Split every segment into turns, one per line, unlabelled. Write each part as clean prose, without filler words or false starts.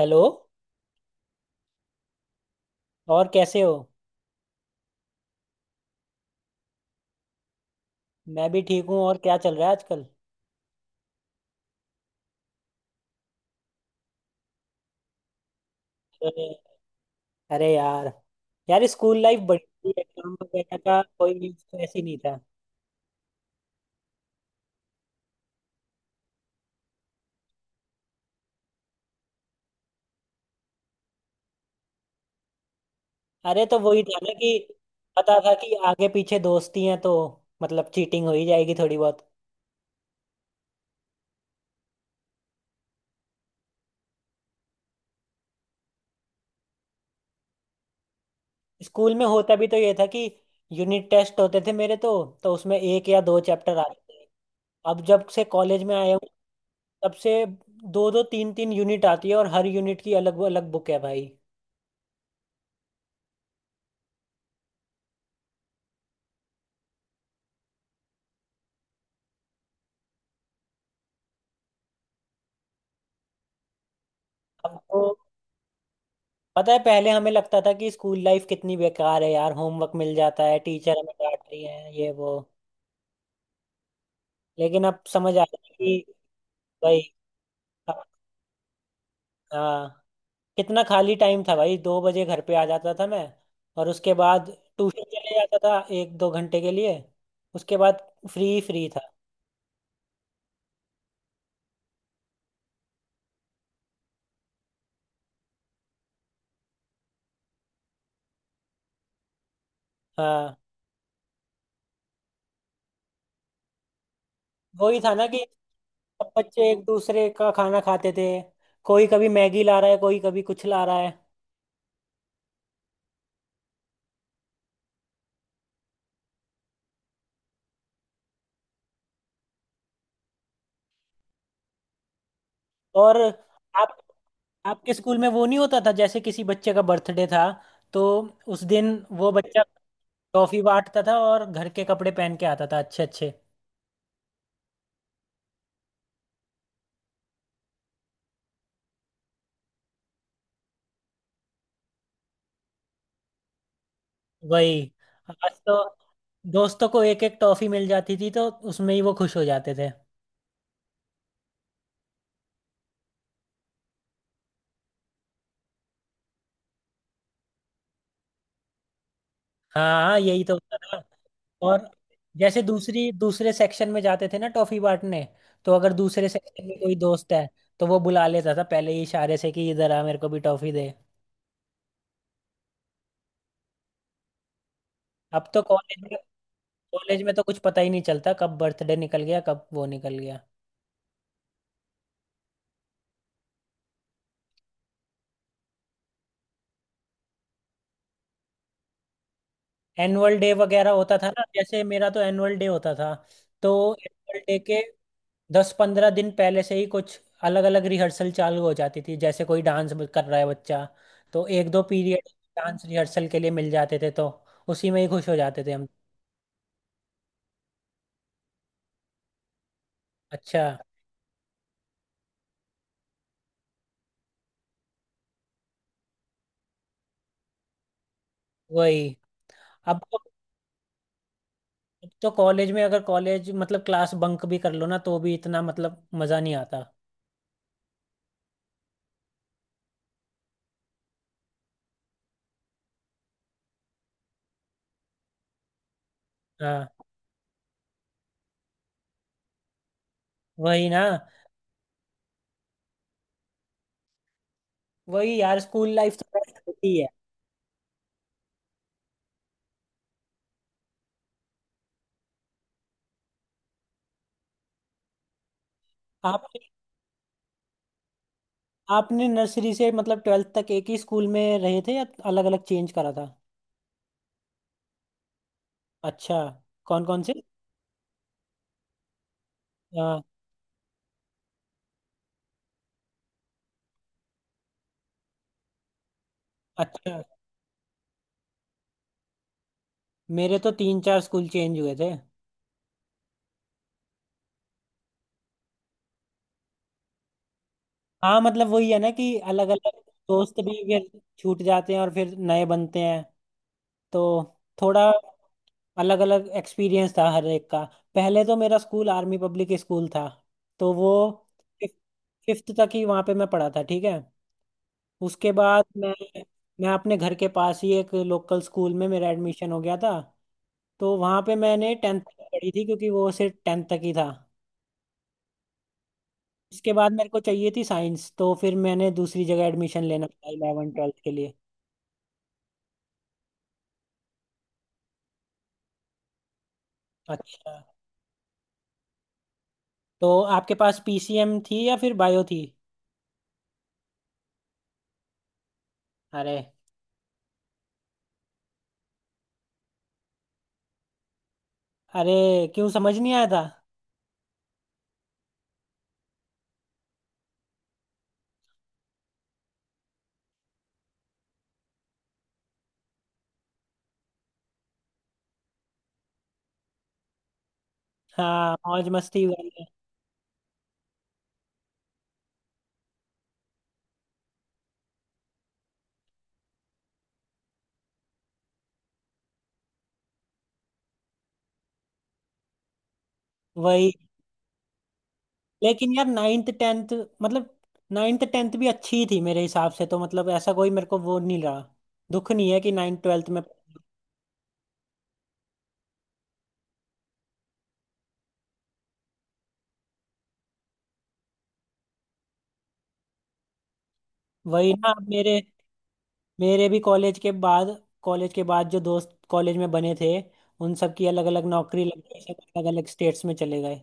Hello. और कैसे हो। मैं भी ठीक हूँ। और क्या चल रहा है आजकल। अरे। अरे यार। यार स्कूल लाइफ बड़ी थी, एग्जाम वगैरह का कोई स्ट्रेस ही नहीं था। अरे तो वही था ना कि पता था कि आगे पीछे दोस्ती हैं तो मतलब चीटिंग हो ही जाएगी थोड़ी बहुत। स्कूल में होता भी तो ये था कि यूनिट टेस्ट होते थे मेरे तो उसमें एक या दो चैप्टर आते थे। अब जब से कॉलेज में आया हूँ, तब से दो दो तीन तीन यूनिट आती है और हर यूनिट की अलग अलग बुक है भाई। अब तो पता है, पहले हमें लगता था कि स्कूल लाइफ कितनी बेकार है यार, होमवर्क मिल जाता है, टीचर हमें डांट रही है, ये वो। लेकिन अब समझ आ रहा है कि भाई। अब- हाँ, कितना खाली टाइम था भाई, 2 बजे घर पे आ जाता था मैं। और उसके बाद ट्यूशन चले जाता था 1-2 घंटे के लिए। उसके बाद फ्री फ्री था। हाँ वही था ना कि सब बच्चे एक दूसरे का खाना खाते थे। कोई कभी मैगी ला रहा है, कोई कभी कुछ ला रहा है। और आप आपके स्कूल में वो नहीं होता था, जैसे किसी बच्चे का बर्थडे था तो उस दिन वो बच्चा टॉफी बांटता था और घर के कपड़े पहन के आता था, अच्छे अच्छे। वही। आज तो दोस्तों को एक एक टॉफी मिल जाती थी तो उसमें ही वो खुश हो जाते थे। हाँ हाँ, यही तो होता था। और जैसे दूसरी दूसरे सेक्शन में जाते थे ना टॉफी बांटने, तो अगर दूसरे सेक्शन में कोई दोस्त है तो वो बुला लेता था पहले ही इशारे से कि इधर आ मेरे को भी टॉफी दे। अब तो कॉलेज में तो कुछ पता ही नहीं चलता कब बर्थडे निकल गया, कब वो निकल गया। एनुअल डे वगैरह होता था ना, जैसे मेरा तो एनुअल डे होता था, तो एनुअल डे के 10-15 दिन पहले से ही कुछ अलग अलग रिहर्सल चालू हो जाती थी, जैसे कोई डांस कर रहा है बच्चा तो 1-2 पीरियड डांस रिहर्सल के लिए मिल जाते थे, तो उसी में ही खुश हो जाते थे हम। अच्छा। वही। अब तो अब तो कॉलेज में अगर कॉलेज मतलब क्लास बंक भी कर लो ना तो भी इतना मतलब मज़ा नहीं आता। हाँ वही ना। वही यार, स्कूल लाइफ तो बेस्ट होती है। आपने आपने नर्सरी से मतलब ट्वेल्थ तक एक ही स्कूल में रहे थे या अलग अलग चेंज करा था। अच्छा। कौन कौन से। हाँ। अच्छा। मेरे तो तीन चार स्कूल चेंज हुए थे। हाँ मतलब वही है ना कि अलग अलग दोस्त भी फिर छूट जाते हैं और फिर नए बनते हैं, तो थोड़ा अलग अलग एक्सपीरियंस था हर एक का। पहले तो मेरा स्कूल आर्मी पब्लिक स्कूल था, तो वो फिफ्थ तक ही वहाँ पे मैं पढ़ा था, ठीक है। उसके बाद मैं अपने घर के पास ही एक लोकल स्कूल में मेरा एडमिशन हो गया था। तो वहाँ पे मैंने टेंथ तक पढ़ी थी, क्योंकि वो सिर्फ टेंथ तक ही था। उसके बाद मेरे को चाहिए थी साइंस तो फिर मैंने दूसरी जगह एडमिशन लेना था इलेवन ट्वेल्थ के लिए। अच्छा। तो आपके पास पीसीएम थी या फिर बायो थी। अरे। अरे क्यों, समझ नहीं आया था। हाँ मौज मस्ती वाले। वही। लेकिन यार नाइन्थ टेंथ, मतलब नाइन्थ टेंथ भी अच्छी ही थी मेरे हिसाब से तो, मतलब ऐसा कोई मेरे को वो नहीं रहा। दुख नहीं है कि नाइन्थ ट्वेल्थ में। वही ना। अब मेरे। मेरे भी कॉलेज के बाद जो दोस्त कॉलेज में बने थे, उन सब की अलग अलग नौकरी लग गई, सब अलग अलग स्टेट्स में चले गए।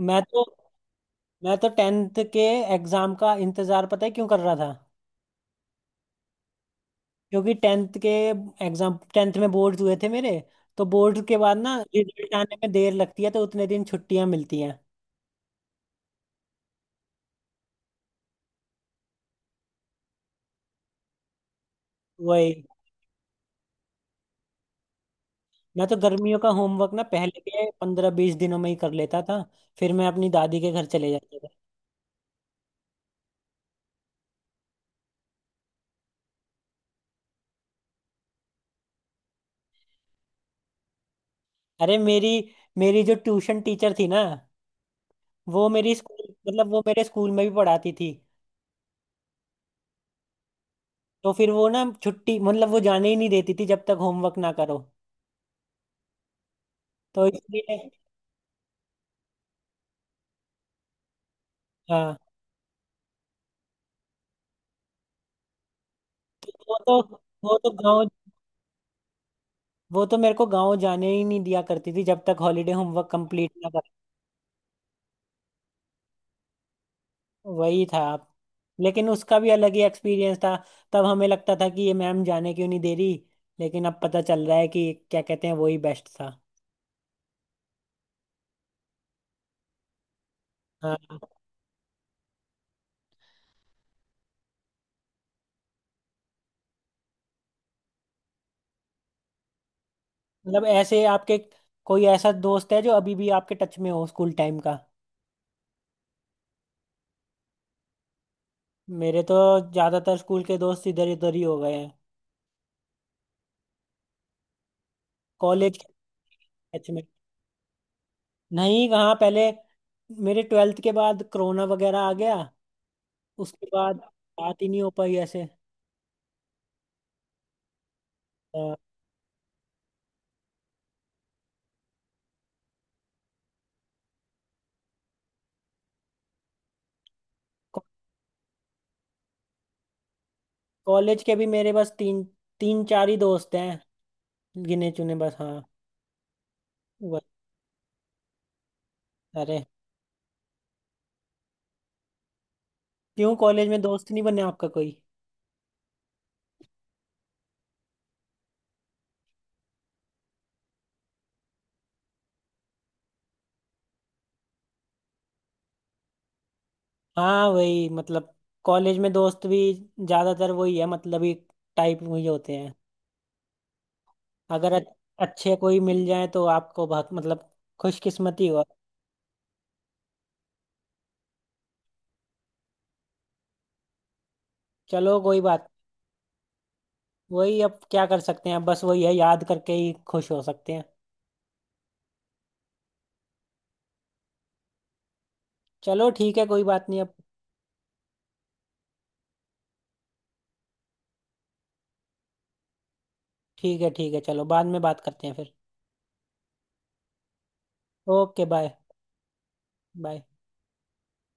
मैं तो मैं तो टेंथ के एग्जाम का इंतजार, पता है क्यों कर रहा था। क्योंकि टेंथ के एग्जाम, टेंथ में बोर्ड हुए थे मेरे, तो बोर्ड के बाद ना रिजल्ट आने में देर लगती है, तो उतने दिन छुट्टियां मिलती हैं। वही। मैं तो गर्मियों का होमवर्क ना पहले के 15-20 दिनों में ही कर लेता था। फिर मैं अपनी दादी के घर चले जाता था। अरे मेरी मेरी जो ट्यूशन टीचर थी ना, वो मेरी स्कूल मतलब वो मेरे स्कूल में भी पढ़ाती थी। तो फिर वो ना छुट्टी, मतलब वो जाने ही नहीं देती थी जब तक होमवर्क ना करो, तो इसलिए। हाँ। वो तो वो तो गाँव वो तो मेरे को गाँव जाने ही नहीं दिया करती थी जब तक हॉलीडे होमवर्क कंप्लीट ना कर। वही था। लेकिन उसका भी अलग ही एक्सपीरियंस था। तब हमें लगता था कि ये मैम जाने क्यों नहीं दे रही, लेकिन अब पता चल रहा है कि क्या कहते हैं, वही बेस्ट था। हाँ। मतलब ऐसे आपके कोई ऐसा दोस्त है जो अभी भी आपके टच में हो, स्कूल टाइम का। मेरे तो ज्यादातर स्कूल के दोस्त इधर उधर ही हो गए हैं। कॉलेज के। टच में। नहीं, कहाँ। पहले, मेरे ट्वेल्थ के बाद कोरोना वगैरह आ गया, उसके बाद बात ही नहीं हो पाई ऐसे। को- कॉलेज के भी मेरे बस तीन तीन चार ही दोस्त हैं, गिने चुने बस, हाँ। वही। अरे क्यों, कॉलेज में दोस्त नहीं बने आपका कोई। हाँ वही मतलब, कॉलेज में दोस्त भी ज्यादातर वही है मतलब, ही टाइप वही होते हैं। अगर अच्छे कोई मिल जाए तो आपको बहुत मतलब खुशकिस्मती हो। चलो कोई बात। वही, अब क्या कर सकते हैं, अब बस वही है, याद करके ही खुश हो सकते हैं। चलो ठीक है, कोई बात नहीं अब। ठीक है ठीक है, चलो बाद में बात करते हैं फिर। Okay bye. बाय।